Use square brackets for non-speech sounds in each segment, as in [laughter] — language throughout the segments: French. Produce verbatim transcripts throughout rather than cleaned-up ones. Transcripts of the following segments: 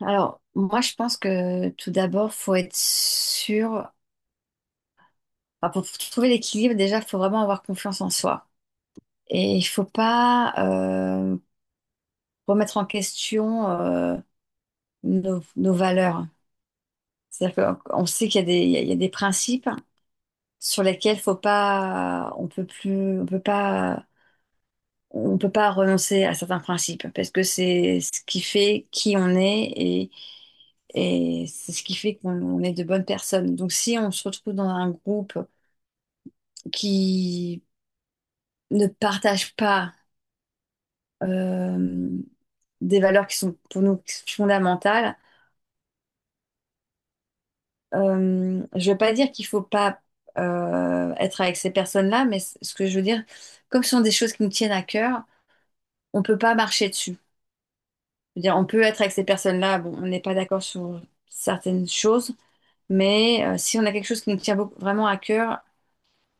Alors, moi, je pense que tout d'abord, faut être sûr. enfin, pour trouver l'équilibre, déjà, faut vraiment avoir confiance en soi. Et il faut pas euh, remettre en question euh, nos, nos valeurs. C'est-à-dire qu'on sait qu'il y a des, il y a, il y a des principes sur lesquels faut pas, on peut plus, on peut pas, on peut pas renoncer à certains principes parce que c'est ce qui fait qui on est et et c'est ce qui fait qu'on on est de bonnes personnes. Donc, si on se retrouve dans un groupe qui ne partagent pas euh, des valeurs qui sont pour nous fondamentales. Euh, je ne veux pas dire qu'il ne faut pas euh, être avec ces personnes-là, mais c- ce que je veux dire, comme ce sont des choses qui nous tiennent à cœur, on ne peut pas marcher dessus. Je veux dire, on peut être avec ces personnes-là, bon, on n'est pas d'accord sur certaines choses, mais euh, si on a quelque chose qui nous tient beaucoup- vraiment à cœur,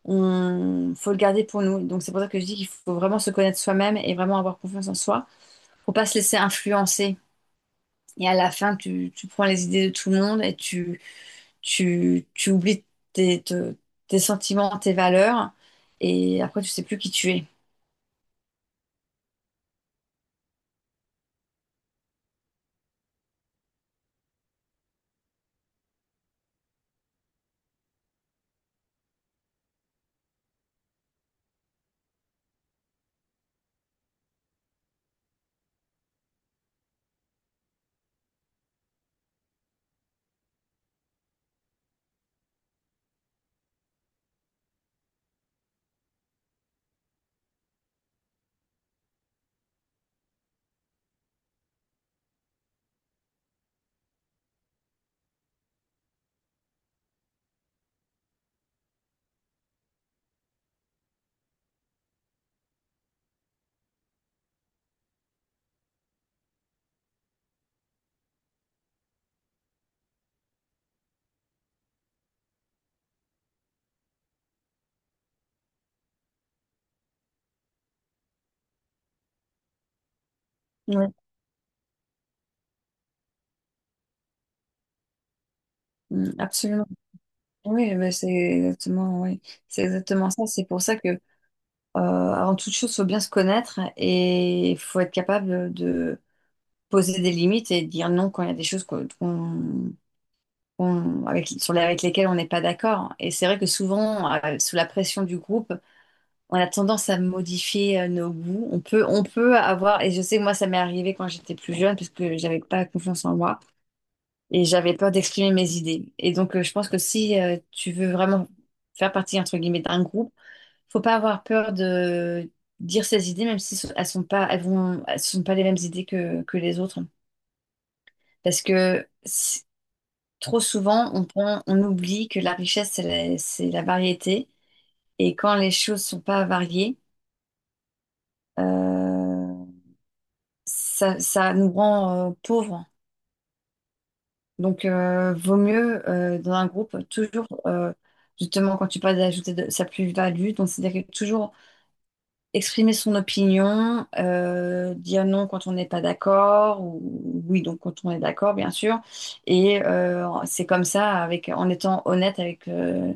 on faut le garder pour nous. Donc c'est pour ça que je dis qu'il faut vraiment se connaître soi-même et vraiment avoir confiance en soi, pour pas se laisser influencer. Et à la fin, tu, tu prends les idées de tout le monde et tu, tu, tu oublies tes, te- tes sentiments, tes valeurs. Et après, tu sais plus qui tu es. Oui. Mm, absolument. Oui, mais c'est exactement, oui. C'est exactement ça. C'est pour ça que, euh, avant toute chose, faut bien se connaître et il faut être capable de poser des limites et de dire non quand il y a des choses qu'on, qu'on- qu'on- avec, sur les- avec lesquelles on n'est pas d'accord. Et c'est vrai que souvent, euh, sous la pression du groupe, on a tendance à modifier euh, nos goûts. On peut, on peut avoir, et je sais que moi, ça m'est arrivé quand j'étais plus jeune, parce que j'avais pas confiance en moi et j'avais peur d'exprimer mes idées. Et donc, euh, je pense que si euh, tu veux vraiment faire partie, entre guillemets, d'un groupe, faut pas avoir peur de dire ses idées, même si elles sont pas, elles vont, elles sont pas les mêmes idées que, que les autres. Parce que si- trop souvent, on prend- on oublie que la richesse, c'est la, c'est la variété. Et quand les choses sont pas variées, euh, ça, ça nous rend euh, pauvres. Donc, euh, vaut mieux euh, dans un groupe toujours, euh, justement, quand tu parles d'ajouter de- sa plus-value, donc c'est-à-dire que toujours exprimer son opinion, euh, dire non quand on n'est pas d'accord, ou oui, donc quand on est d'accord, bien sûr. Et euh, c'est comme ça, avec, en étant honnête avec, euh,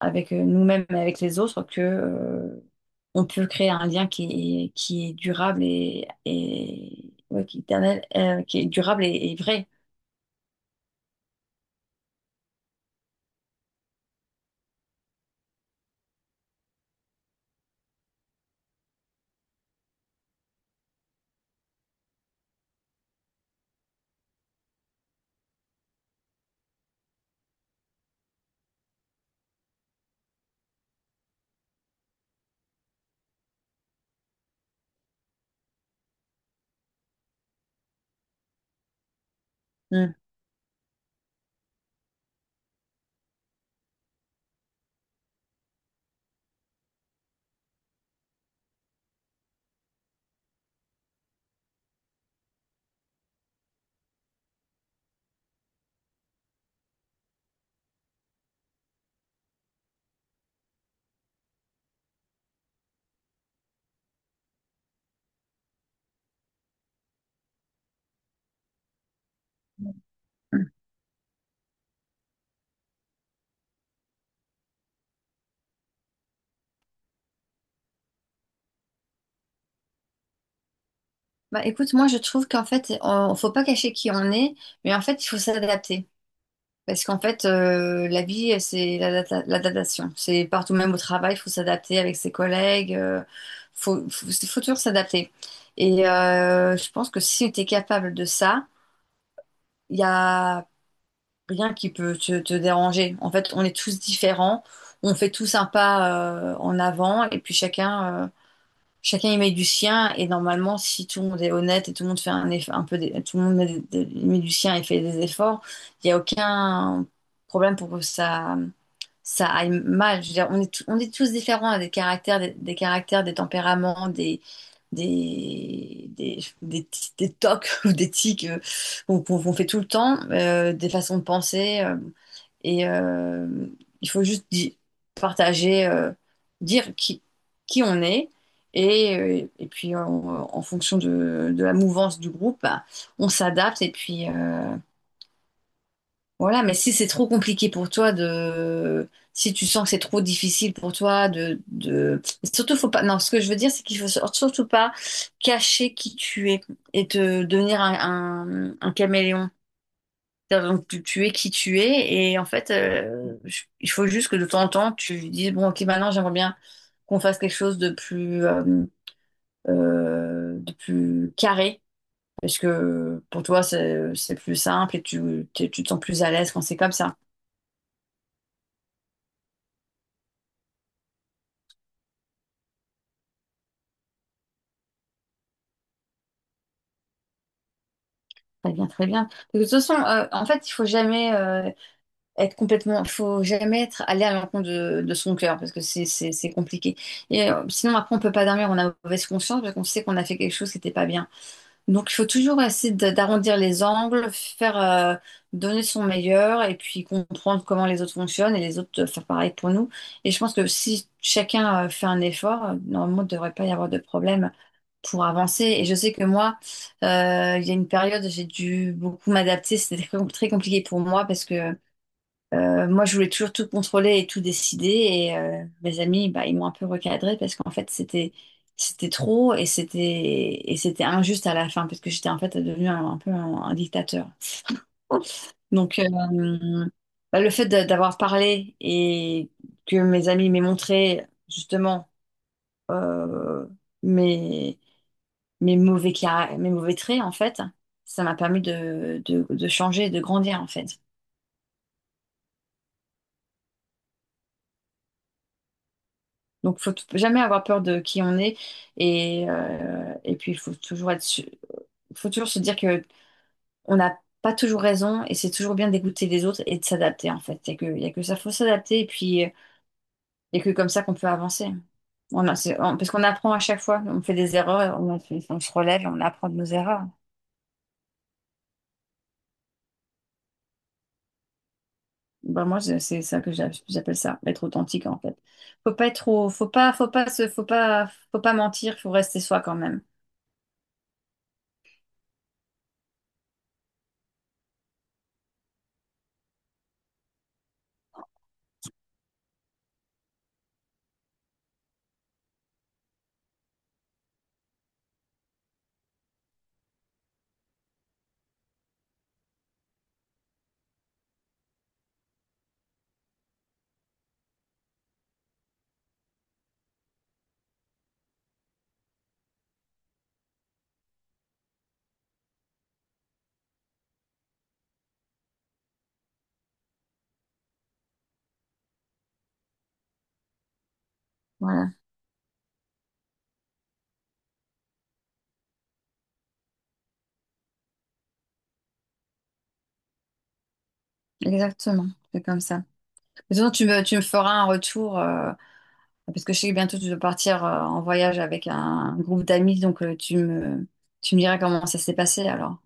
avec euh, nous-mêmes et avec les autres que euh, on peut créer un lien qui est, qui est durable et, et ouais, qui est éternel, euh, qui est durable et, et vrai. Mm. Bah écoute, moi je trouve qu'en fait, on, faut pas cacher qui on est, mais en fait, il faut s'adapter. Parce qu'en fait, euh, la vie, c'est l'adapta- l'adaptation. C'est partout, même au travail, il faut s'adapter avec ses collègues. Il faut, faut, faut toujours s'adapter. Et euh, je pense que si tu es capable de ça, il y a rien qui peut te, te déranger. En fait, on est tous différents, on fait tous un pas euh, en avant et puis chacun euh, chacun y met du sien et normalement si tout le monde est honnête et tout le monde fait un eff- un peu des- tout le monde met, des- des- met du sien et fait des efforts, il n'y a aucun problème pour que ça ça aille mal. Je veux dire on est, tout- on est tous différents, on a des caractères des, des caractères, des tempéraments, des des des, des, t- des tocs [laughs] ou des tics, euh, qu'on qu'on- qu'on fait tout le temps, euh, des façons de penser, euh, et euh, il faut juste di- partager, euh, dire qui, qui on est. Et, euh, et puis en, en fonction de, de la mouvance du groupe, bah, on s'adapte. Et puis euh, voilà, mais si c'est trop compliqué pour toi de… Si tu sens que c'est trop difficile pour toi de… de… Surtout, faut pas… Non, ce que je veux dire, c'est qu'il faut sur- surtout pas cacher qui tu es et te devenir un, un un caméléon. C'est-à-dire, donc, tu, tu es qui tu es et en fait, euh, je- il faut juste que de temps en temps, tu dises, bon, ok, maintenant j'aimerais bien qu'on fasse quelque chose de plus, euh, euh, de plus carré, parce que pour toi, c'est, c'est plus simple et tu, t'es- tu te sens plus à l'aise quand c'est comme ça. Très bien, très bien. De toute façon, euh, en fait, il faut jamais euh, être complètement, il faut jamais être aller à l'encontre de, de son cœur, parce que c'est c'est- c'est compliqué. Et euh, sinon, après, on peut pas dormir, on a mauvaise conscience, parce qu'on sait qu'on a fait quelque chose qui n'était pas bien. Donc, il faut toujours essayer de- d'arrondir les angles, faire euh, donner son meilleur et puis comprendre comment les autres fonctionnent et les autres euh, faire pareil pour nous. Et je pense que si chacun euh, fait un effort, euh, normalement, il ne devrait pas y avoir de problème pour avancer. Et je sais que moi, euh, il y a une période, j'ai dû beaucoup m'adapter. [laughs] C'était très com- très compliqué pour moi parce que euh, moi, je voulais toujours tout contrôler et tout décider. Et euh, mes amis, bah, ils m'ont un peu recadré parce qu'en fait, c'était c'était trop et c'était et c'était injuste à la fin parce que j'étais en fait devenue un, un peu un, un dictateur. Donc, euh, bah, le fait de- d'avoir parlé et que mes amis m'aient montré justement euh, mes mes mauvais caractères, mes mauvais traits en fait, ça m'a permis de, de de changer, de grandir en fait. Donc, faut t- jamais avoir peur de qui on est. Et, euh, et puis, il faut toujours être, su- faut toujours se dire que on n'a pas toujours raison et c'est toujours bien d'écouter les autres et de s'adapter, en fait. Il n'y a que, y a que ça, faut s'adapter et puis, euh, y a que comme ça qu'on peut avancer. On a- c'est- on- parce qu'on apprend à chaque fois, on fait des erreurs, on, on se relève et on apprend de nos erreurs. Ben, moi, c'est c'est ça que j'a- j'appelle ça, être authentique, en fait. Faut pas être trop, faut pas, faut pas se, faut pas, faut pas mentir, faut rester soi quand même. Voilà, exactement. C'est comme ça. De toute façon, tu me, tu me feras un retour, euh, parce que je sais que bientôt tu dois partir euh, en voyage avec un, groupe d'amis, donc euh, tu me, tu me diras comment ça s'est passé alors.